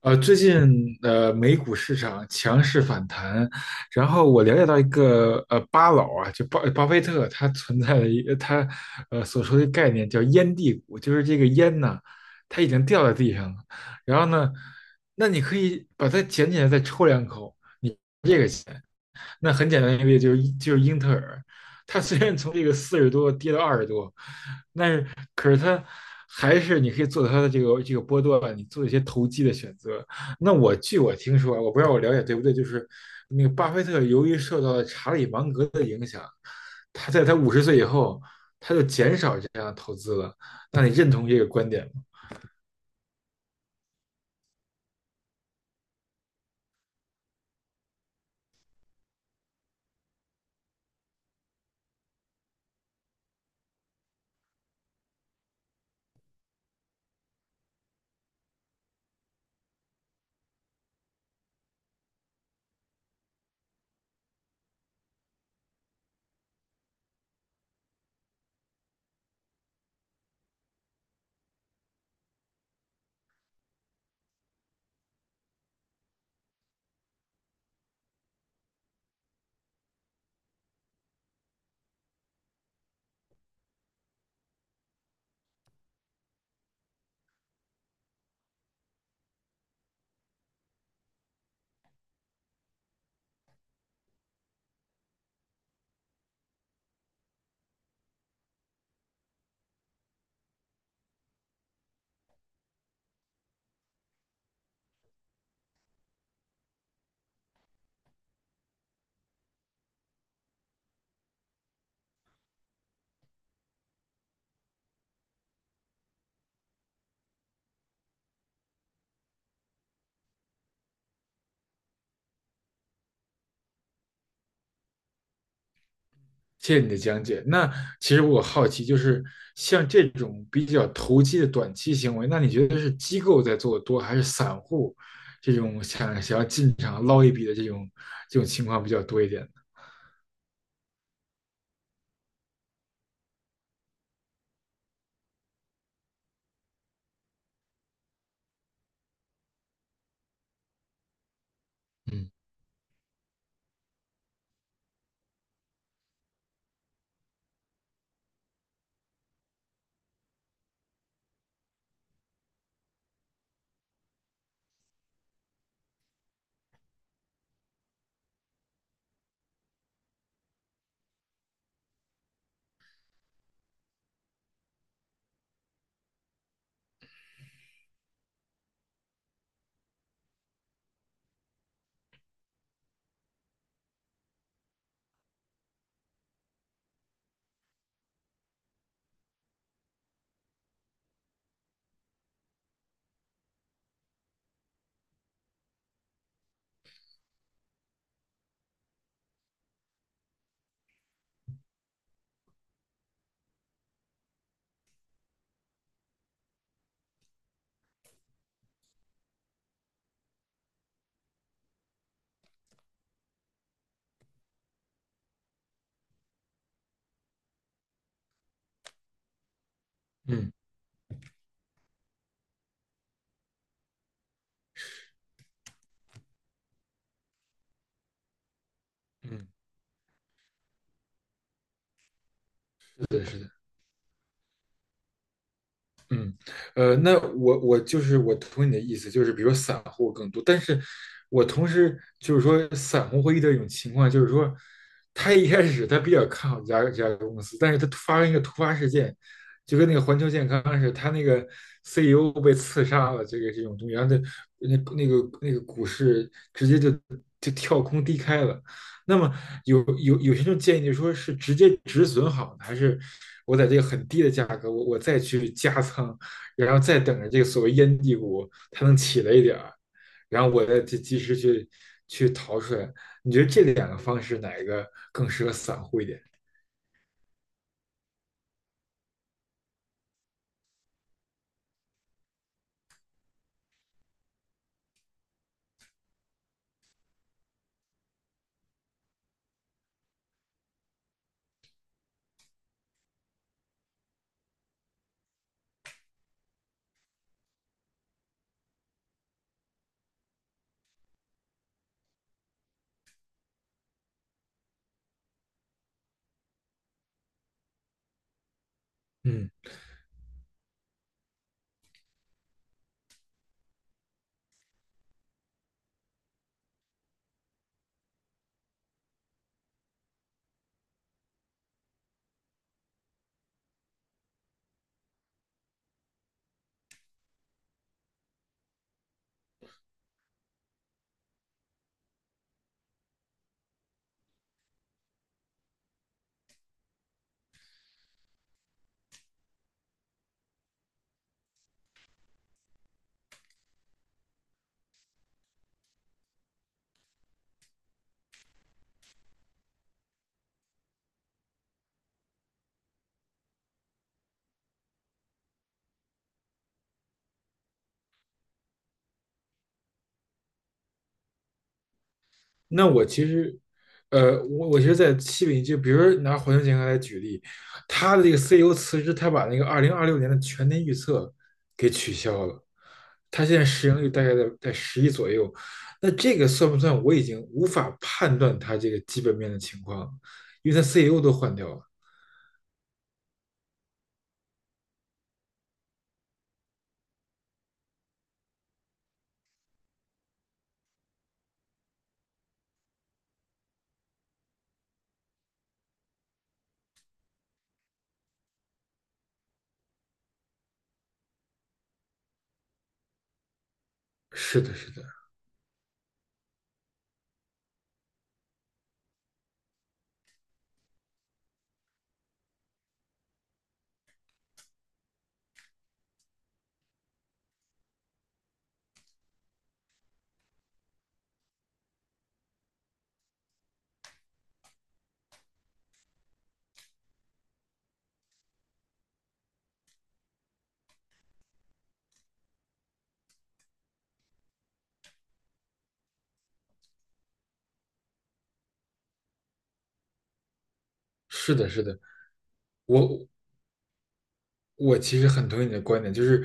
最近美股市场强势反弹，然后我了解到一个巴老啊，就巴菲特，他存在的一个他所说的概念叫"烟蒂股"，就是这个烟呐，它已经掉在地上了，然后呢，那你可以把它捡起来再抽两口，你这个钱。那很简单一个例子就是英特尔，它虽然从这个四十多跌到二十多，但是可是它还是你可以做它的这个波段，你做一些投机的选择。那据我听说啊，我不知道我了解对不对，就是那个巴菲特由于受到了查理芒格的影响，他在50岁以后他就减少这样的投资了。那你认同这个观点吗？谢谢你的讲解。那其实我好奇，就是像这种比较投机的短期行为，那你觉得是机构在做的多，还是散户这种想要进场捞一笔的这种情况比较多一点呢？嗯嗯嗯，是的，是的。嗯，那我就是我同意你的意思，就是比如说散户更多，但是我同时就是说散户会遇到一种情况，就是说他一开始他比较看好这家公司，但是他突发生一个突发事件，就跟那个环球健康似的，他那个 CEO 被刺杀了，这个这种东西，然后那那个股市直接就跳空低开了，那么有些人建议就说是直接止损好呢还是我在这个很低的价格，我再去加仓，然后再等着这个所谓烟蒂股它能起来一点儿，然后我再及时去去逃出来。你觉得这两个方式哪一个更适合散户一点？嗯。那我其实，我其实，在西北，就比如说拿环球健康来举例，他的这个 CEO 辞职，他把那个2026年的全年预测给取消了，他现在市盈率大概在10亿左右，那这个算不算？我已经无法判断他这个基本面的情况，因为他 CEO 都换掉了。是的，是的，是的，是的，我我其实很同意你的观点，就是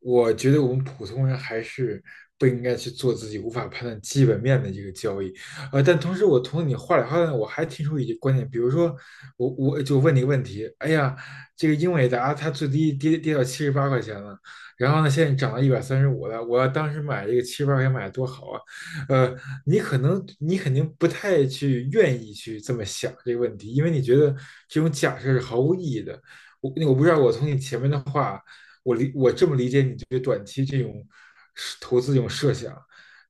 我觉得我们普通人还是不应该去做自己无法判断基本面的这个交易，呃，但同时我从你话里话外我还提出一些观点，比如说我就问你一个问题，哎呀，这个英伟达它最低跌到七十八块钱了，然后呢现在涨到135了，我要当时买这个七十八块钱买多好啊，呃，你可能你肯定不太去愿意去这么想这个问题，因为你觉得这种假设是毫无意义的。我那我不知道，我从你前面的话，我这么理解你对短期这种是投资这种设想，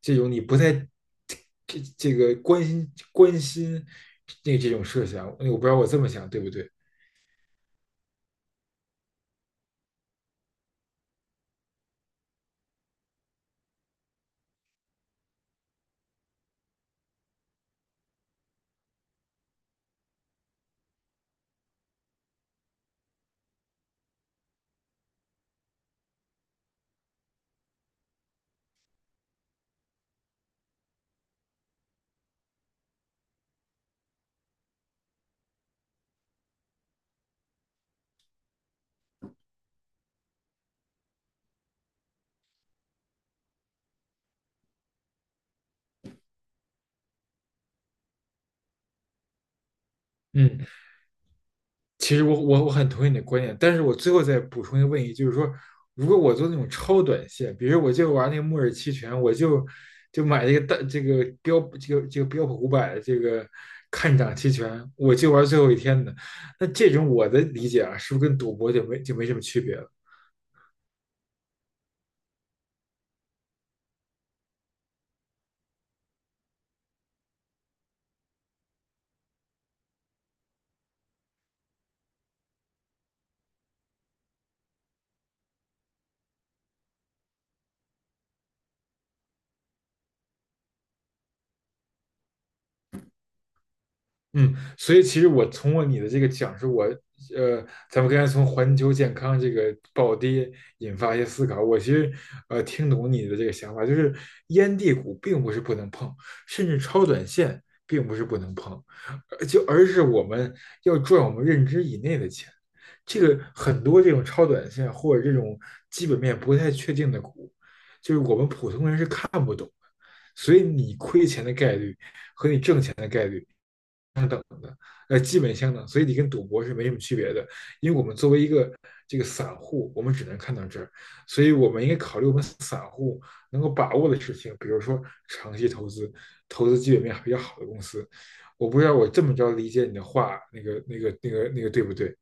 这种你不太这这个关心那这种设想，我不知道我这么想对不对？嗯。其实我很同意你的观点，但是我最后再补充一个问题，就是说，如果我做那种超短线，比如我就玩那个末日期权，我就买这个大这个标这个这个标普500这个看涨期权，我就玩最后一天的，那这种我的理解啊，是不是跟赌博就没什么区别了？嗯，所以其实我从我你的这个讲述，我呃，咱们刚才从环球健康这个暴跌引发一些思考，我其实呃听懂你的这个想法，就是烟蒂股并不是不能碰，甚至超短线并不是不能碰，呃就而是我们要赚我们认知以内的钱。这个很多这种超短线或者这种基本面不太确定的股，就是我们普通人是看不懂的，所以你亏钱的概率呃，基本相等，所以你跟赌博是没什么区别的。因为我们作为一个这个散户，我们只能看到这儿，所以我们应该考虑我们散户能够把握的事情，比如说长期投资，投资基本面比较好的公司。我不知道我这么着理解你的话，那个对不对？